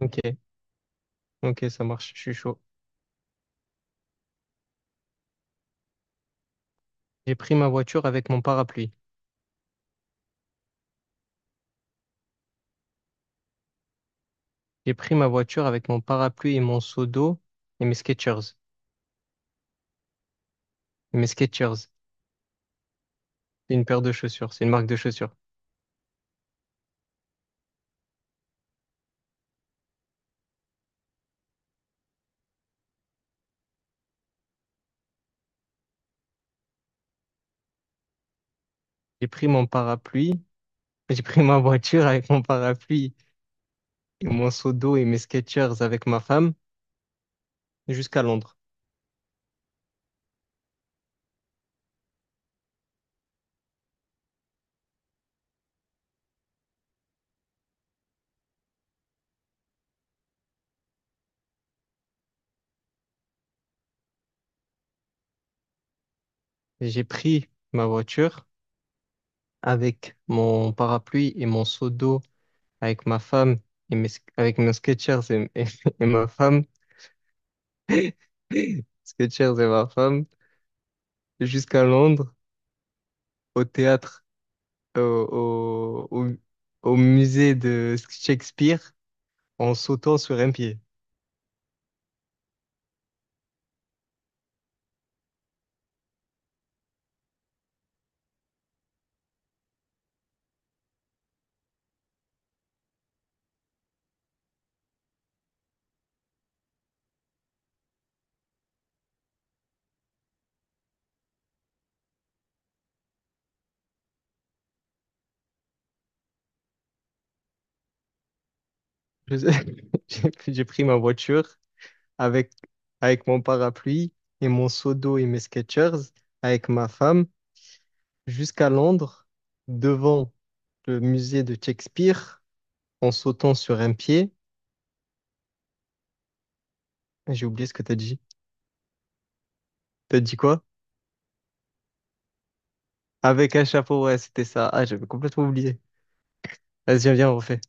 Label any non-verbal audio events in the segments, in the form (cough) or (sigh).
Ok, ok, ça marche, je suis chaud. J'ai pris ma voiture avec mon parapluie. J'ai pris ma voiture avec mon parapluie et mon seau d'eau et mes Skechers. Mes Skechers, c'est une paire de chaussures, c'est une marque de chaussures. J'ai pris mon parapluie, (laughs) j'ai pris ma voiture avec mon parapluie et mon seau d'eau et mes Skechers avec ma femme jusqu'à Londres. J'ai pris ma voiture avec mon parapluie et mon seau d'eau avec ma femme et mes, avec mes Skechers (laughs) et ma femme. (laughs) Skechers et ma femme jusqu'à Londres, au théâtre, au, au, au- au musée de Shakespeare, en sautant sur un pied. Je (laughs) J'ai pris ma voiture avec, avec mon parapluie et mon seau d'eau et mes Skechers, avec ma femme, jusqu'à Londres, devant le musée de Shakespeare, en sautant sur un pied. J'ai oublié ce que t'as dit. T'as dit quoi? Avec un chapeau, ouais, c'était ça. Ah, j'avais complètement oublié. Vas-y, viens, on refait.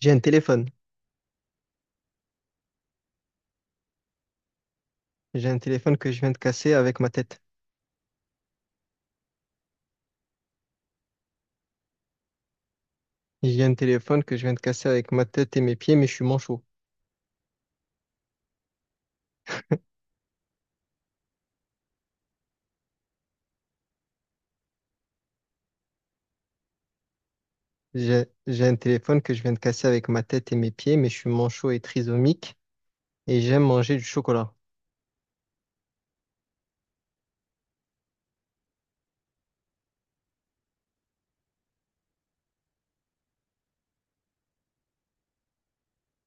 J'ai un téléphone. J'ai un téléphone que je viens de casser avec ma tête. J'ai un téléphone que je viens de casser avec ma tête et mes pieds, mais je suis manchot. J'ai un téléphone que je viens de casser avec ma tête et mes pieds, mais je suis manchot et trisomique et j'aime manger du chocolat.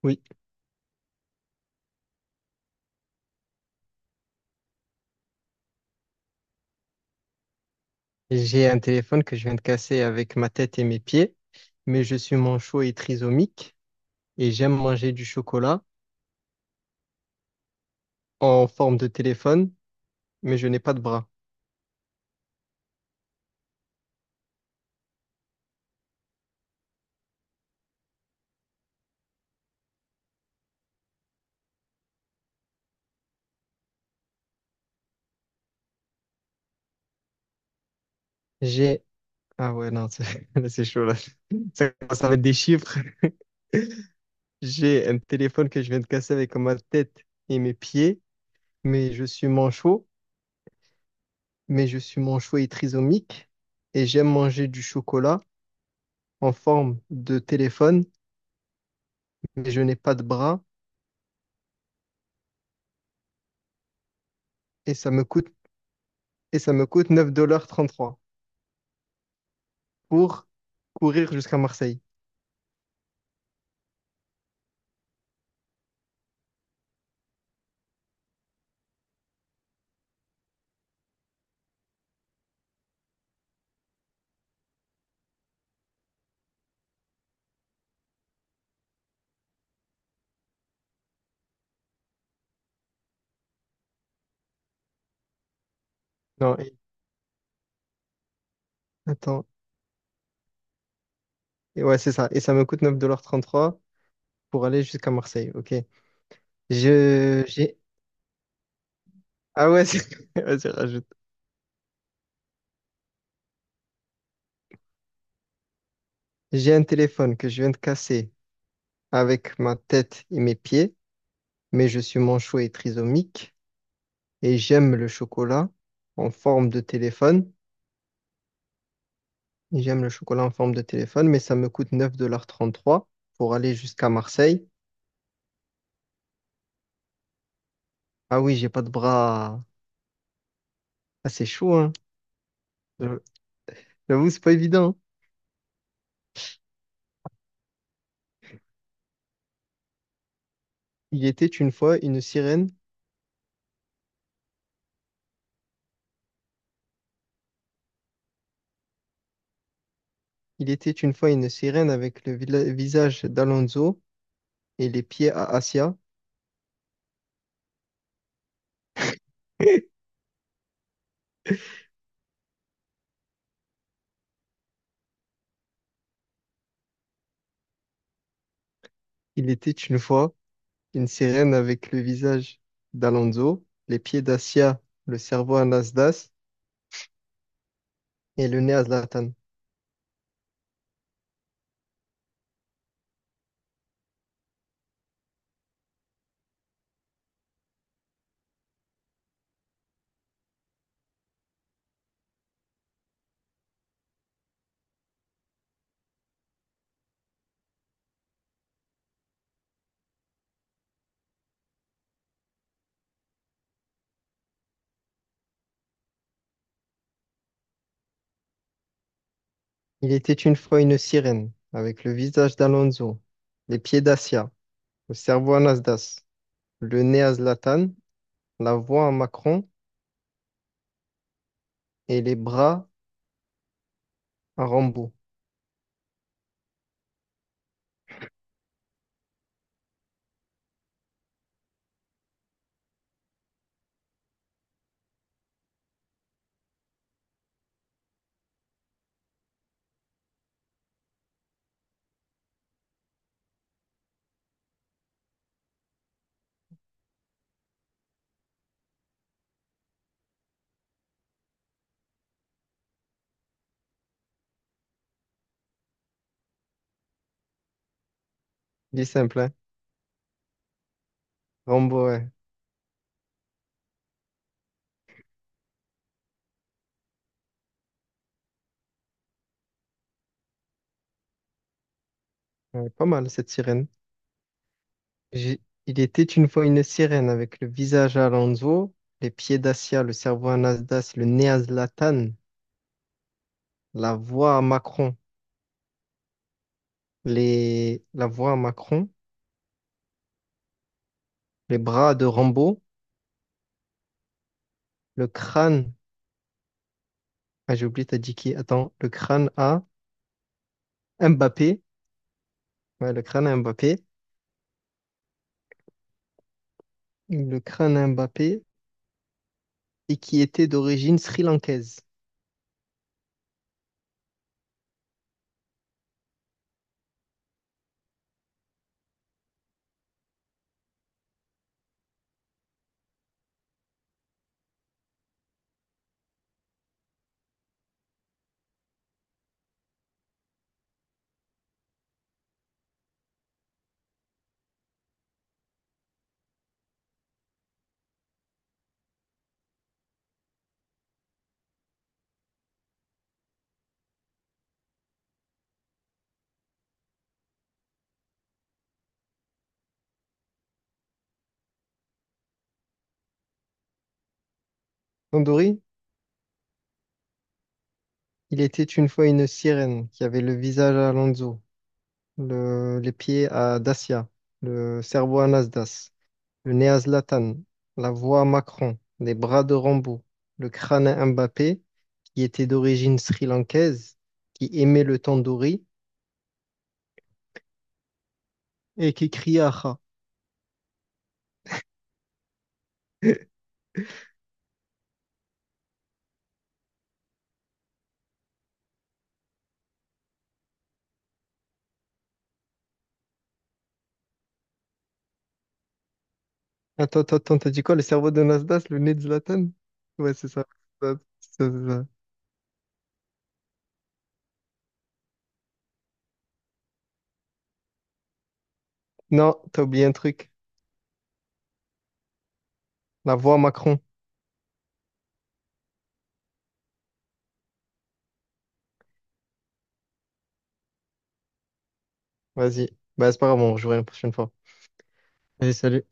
Oui. J'ai un téléphone que je viens de casser avec ma tête et mes pieds, mais je suis manchot et trisomique et j'aime manger du chocolat en forme de téléphone, mais je n'ai pas de bras. J'ai... Ah ouais, non, c'est (laughs) là, c'est chaud là. (laughs) Ça commence à mettre des chiffres. J'ai un téléphone que je viens de casser avec ma tête et mes pieds, mais je suis manchot, mais je suis manchot et trisomique, et j'aime manger du chocolat en forme de téléphone, mais je n'ai pas de bras, et ça me coûte, et ça me coûte 9,33 $ pour courir jusqu'à Marseille. Non, et- attends, et ouais, c'est ça, et ça me coûte neuf dollars trente-trois pour aller jusqu'à Marseille, ok. Je, j'ai, ah ouais, c'est- (laughs) vas-y, rajoute. J'ai un téléphone que je viens de casser avec ma tête et mes pieds, mais je suis manchot et trisomique et j'aime le chocolat en forme de téléphone. J'aime le chocolat en forme de téléphone, mais ça me coûte 9,33 $ pour aller jusqu'à Marseille. Ah oui, j'ai pas de bras. Ah, c'est chaud, hein. Je- J'avoue, c'est pas évident. Hein. Il était une fois une sirène. Il était une fois une sirène avec le visage d'Alonso et les pieds à Asia. Il était une fois une sirène avec le visage d'Alonso, les pieds d'Asia, le cerveau à Nasdaq et le nez à Zlatan. Il était une fois une sirène, avec le visage d'Alonso, les pieds d'Acia, le cerveau à Nasdas, le nez à Zlatan, la voix à Macron et les bras à Rambo. Dit simple, hein? Rambo, ouais. Ouais, pas mal cette sirène. J'ai- Il était une fois une sirène, avec le visage à Alonso, les pieds d'Acia, le cerveau à Nasdas, le nez à Zlatan, la voix à Macron, la voix à Macron, les bras de Rambo, le crâne. Ah, j'ai oublié, t'as dit qui? Attends, le crâne à Mbappé. Ouais, le crâne à Mbappé. Le crâne à Mbappé et qui était d'origine sri-lankaise. Tandoori, il était une fois une sirène qui avait le visage à Alonso, les pieds à Dacia, le cerveau à Nasdas, le nez à Zlatan, la voix à Macron, les bras de Rambo, le crâne à Mbappé qui était d'origine sri-lankaise, qui aimait le tandoori et qui criait Aha. (laughs) Attends, attends, attends, t'as dit quoi? Le cerveau de Nasdaq, le nez de Zlatan? Ouais, c'est ça. C'est ça, c'est ça. Non, t'as oublié un truc. La voix Macron. Vas-y. Bah, c'est pas grave, on rejouera une prochaine fois. Allez, salut.